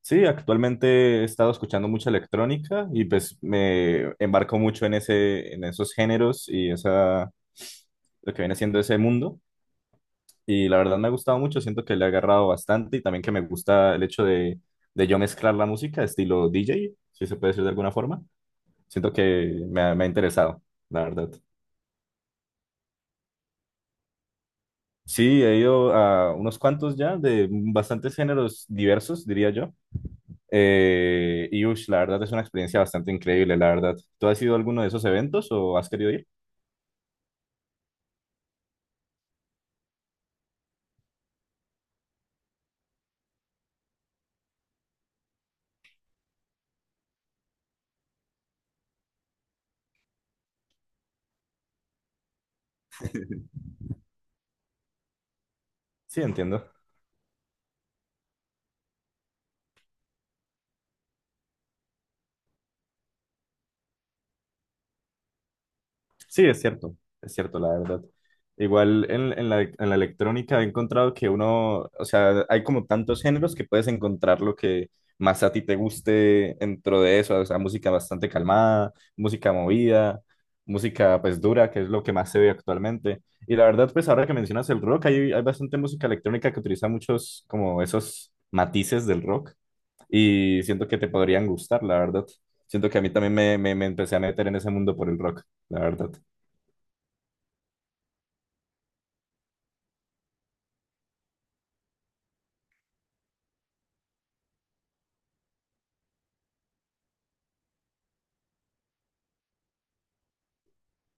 Sí, actualmente he estado escuchando mucha electrónica y pues me embarco mucho en esos géneros y lo que viene siendo ese mundo. Y la verdad me ha gustado mucho, siento que le he agarrado bastante y también que me gusta el hecho de yo mezclar la música estilo DJ, si se puede decir de alguna forma. Siento que me ha interesado, la verdad. Sí, he ido a unos cuantos ya de bastantes géneros diversos, diría yo. Y ush, la verdad es una experiencia bastante increíble, la verdad. ¿Tú has ido a alguno de esos eventos o has querido ir? Sí, entiendo. Sí, es cierto, la verdad. Igual en la electrónica he encontrado que uno, o sea, hay como tantos géneros que puedes encontrar lo que más a ti te guste dentro de eso, o sea, música bastante calmada, música movida, música pues dura, que es lo que más se ve actualmente. Y la verdad, pues ahora que mencionas el rock, hay bastante música electrónica que utiliza muchos como esos matices del rock y siento que te podrían gustar, la verdad. Siento que a mí también me empecé a meter en ese mundo por el rock, la verdad.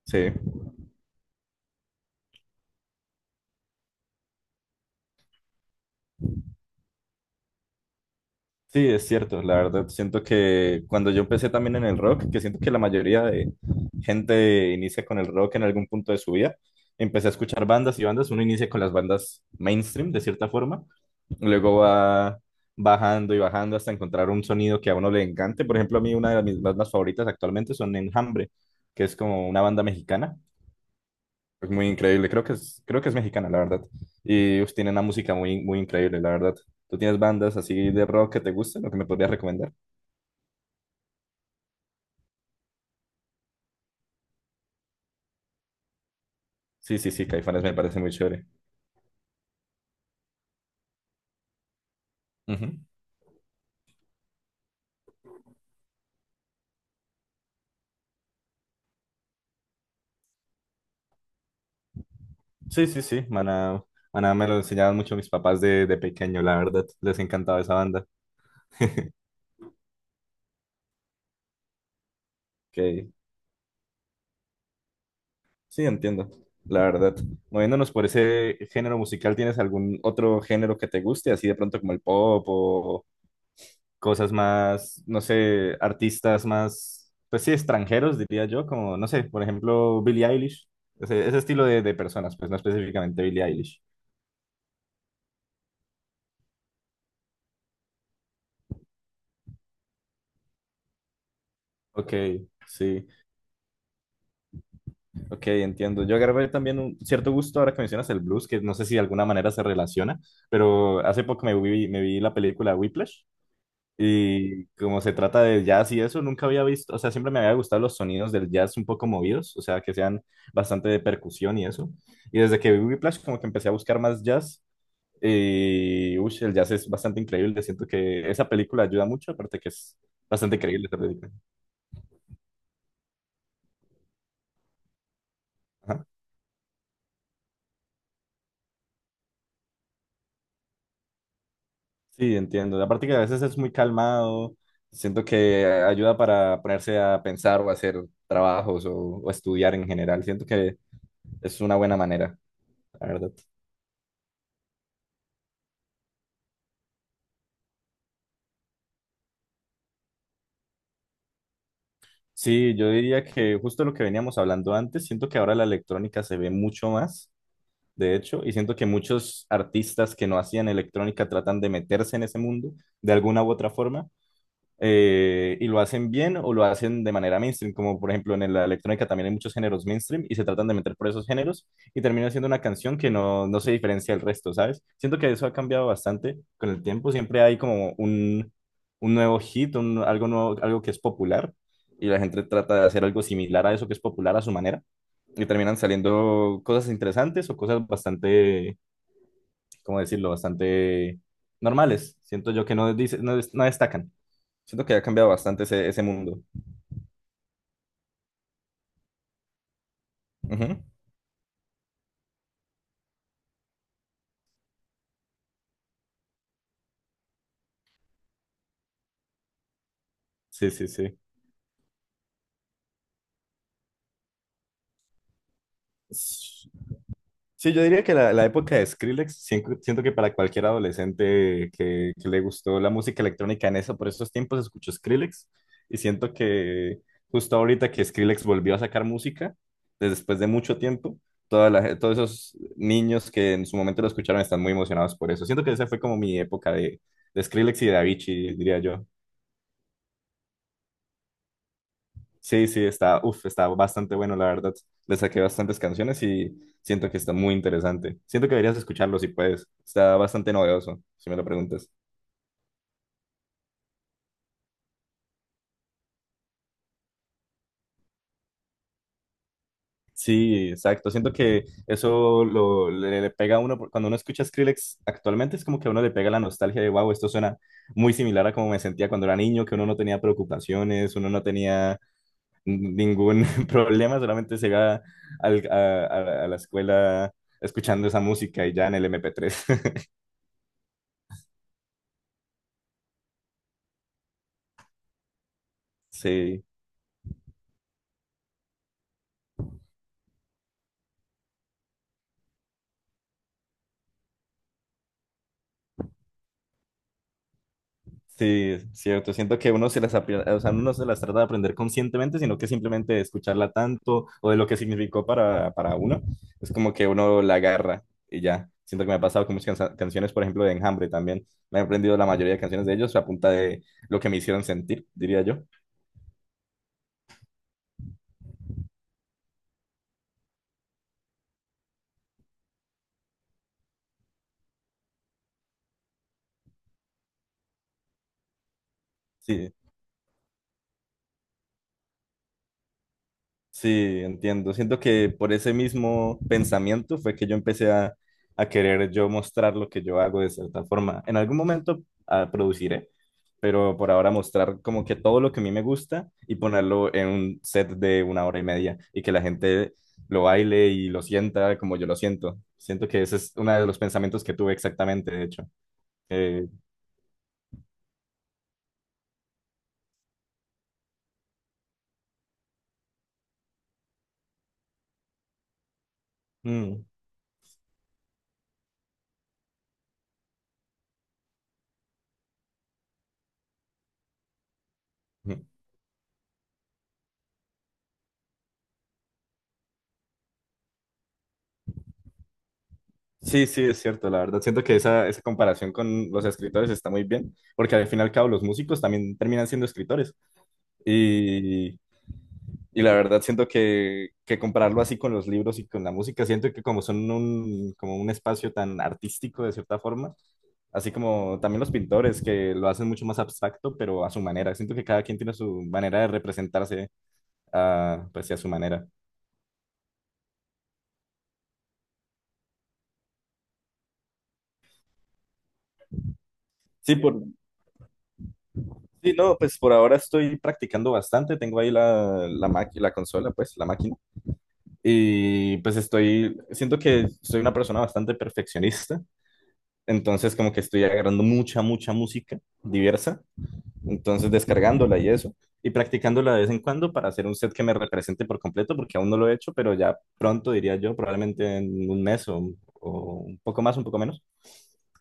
Sí, sí, es cierto, la verdad. Siento que cuando yo empecé también en el rock, que siento que la mayoría de gente inicia con el rock en algún punto de su vida, empecé a escuchar bandas y bandas. Uno inicia con las bandas mainstream, de cierta forma, luego va bajando y bajando hasta encontrar un sonido que a uno le encante. Por ejemplo, a mí una de mis bandas favoritas actualmente son Enjambre, que es como una banda mexicana. Es muy increíble, creo que es mexicana, la verdad. Y uf, tiene una música muy increíble, la verdad. ¿Tú tienes bandas así de rock que te gusten o que me podrías recomendar? Sí, sí, sí, Caifanes me parece muy chévere. Ujú. Sí, sí, sí, Maná, Maná me lo enseñaban mucho mis papás de pequeño, la verdad. Les encantaba esa banda. Ok, sí, entiendo, la verdad. Moviéndonos por ese género musical, ¿tienes algún otro género que te guste, así de pronto como el pop o cosas más, no sé, artistas más, pues sí, extranjeros, diría yo, como, no sé, por ejemplo, Billie Eilish, ese estilo de personas, pues no específicamente Billie Eilish. Ok, sí, ok, entiendo. Yo agarré también un cierto gusto ahora que mencionas el blues, que no sé si de alguna manera se relaciona, pero hace poco me vi la película Whiplash. Y como se trata de jazz y eso, nunca había visto, o sea, siempre me había gustado los sonidos del jazz un poco movidos, o sea, que sean bastante de percusión y eso. Y desde que vi Whiplash, como que empecé a buscar más jazz. Y uy, el jazz es bastante increíble. Siento que esa película ayuda mucho, aparte que es bastante increíble esa película. Ajá. Sí, entiendo. Aparte que a veces es muy calmado. Siento que ayuda para ponerse a pensar o hacer trabajos o estudiar en general. Siento que es una buena manera, la verdad. Sí, yo diría que justo lo que veníamos hablando antes, siento que ahora la electrónica se ve mucho más, de hecho, y siento que muchos artistas que no hacían electrónica tratan de meterse en ese mundo de alguna u otra forma, y lo hacen bien o lo hacen de manera mainstream, como por ejemplo en la electrónica también hay muchos géneros mainstream y se tratan de meter por esos géneros y termina siendo una canción que no se diferencia del resto, ¿sabes? Siento que eso ha cambiado bastante con el tiempo, siempre hay como un nuevo hit, algo nuevo, algo que es popular y la gente trata de hacer algo similar a eso que es popular a su manera y terminan saliendo cosas interesantes o cosas bastante, ¿cómo decirlo?, bastante normales. Siento yo que no destacan. Siento que ha cambiado bastante ese mundo. Ujú. Sí, sí, sí. Sí, yo diría que la época de Skrillex, siento que para cualquier adolescente que le gustó la música electrónica en eso, por esos tiempos escuchó Skrillex y siento que justo ahorita que Skrillex volvió a sacar música, desde después de mucho tiempo, todos esos niños que en su momento lo escucharon están muy emocionados por eso. Siento que esa fue como mi época de Skrillex y de Avicii, diría yo. Sí, sí, está, uf, está bastante bueno, la verdad. Le saqué bastantes canciones y siento que está muy interesante. Siento que deberías escucharlo si puedes. Está bastante novedoso, si me lo preguntas. Sí, exacto. Siento que le pega a uno, cuando uno escucha Skrillex actualmente es como que a uno le pega la nostalgia de, wow, esto suena muy similar a como me sentía cuando era niño, que uno no tenía preocupaciones, uno no tenía ningún problema, solamente se iba al- a, a la escuela escuchando esa música y ya en el MP3. Sí. Sí, es cierto. Siento que uno se las, apre- o sea, uno no se las trata de aprender conscientemente, sino que simplemente de escucharla tanto o de lo que significó para uno. Es como que uno la agarra y ya. Siento que me ha pasado con muchas canciones, por ejemplo, de Enjambre también. Me he aprendido la mayoría de canciones de ellos a punta de lo que me hicieron sentir, diría yo. Sí, sí, entiendo. Siento que por ese mismo pensamiento fue que yo empecé a querer yo mostrar lo que yo hago de cierta forma. En algún momento produciré, pero por ahora mostrar como que todo lo que a mí me gusta y ponerlo en un set de una hora y media y que la gente lo baile y lo sienta como yo lo siento. Siento que ese es uno de los pensamientos que tuve exactamente, de hecho. Eh, mm. Mm. Sí, sí, es cierto, la verdad. Siento que esa comparación con los escritores está muy bien, porque al fin y al cabo los músicos también terminan siendo escritores. Y, y la verdad siento que compararlo así con los libros y con la música, siento que como son como un espacio tan artístico de cierta forma, así como también los pintores que lo hacen mucho más abstracto, pero a su manera. Siento que cada quien tiene su manera de representarse, ah, pues, y a su manera. Sí, por, Sí, no, pues por ahora estoy practicando bastante. Tengo ahí la consola, pues, la máquina. Y pues estoy, siento que soy una persona bastante perfeccionista. Entonces, como que estoy agarrando mucha música diversa. Entonces, descargándola y eso. Y practicándola de vez en cuando para hacer un set que me represente por completo, porque aún no lo he hecho, pero ya pronto, diría yo, probablemente en un mes o un poco más, un poco menos.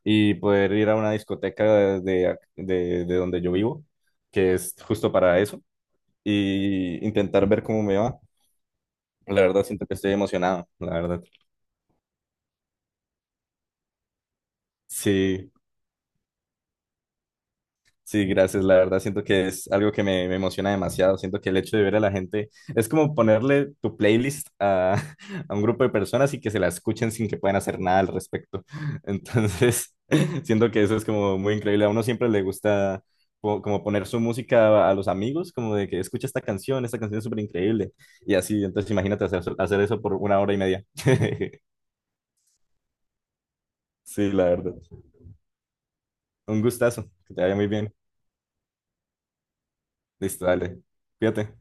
Y poder ir a una discoteca de donde yo vivo, que es justo para eso y intentar ver cómo me va. La verdad, siento que estoy emocionado, la verdad. Sí, sí, gracias. La verdad, siento que es algo que me emociona demasiado. Siento que el hecho de ver a la gente es como ponerle tu playlist a, a un grupo de personas y que se la escuchen sin que puedan hacer nada al respecto. Entonces, siento que eso es como muy increíble. A uno siempre le gusta como poner su música a los amigos, como de que escucha esta canción es súper increíble. Y así, entonces imagínate hacer eso por una hora y media. Sí, la verdad. Un gustazo. Que te vaya muy bien. Listo, dale. Cuídate.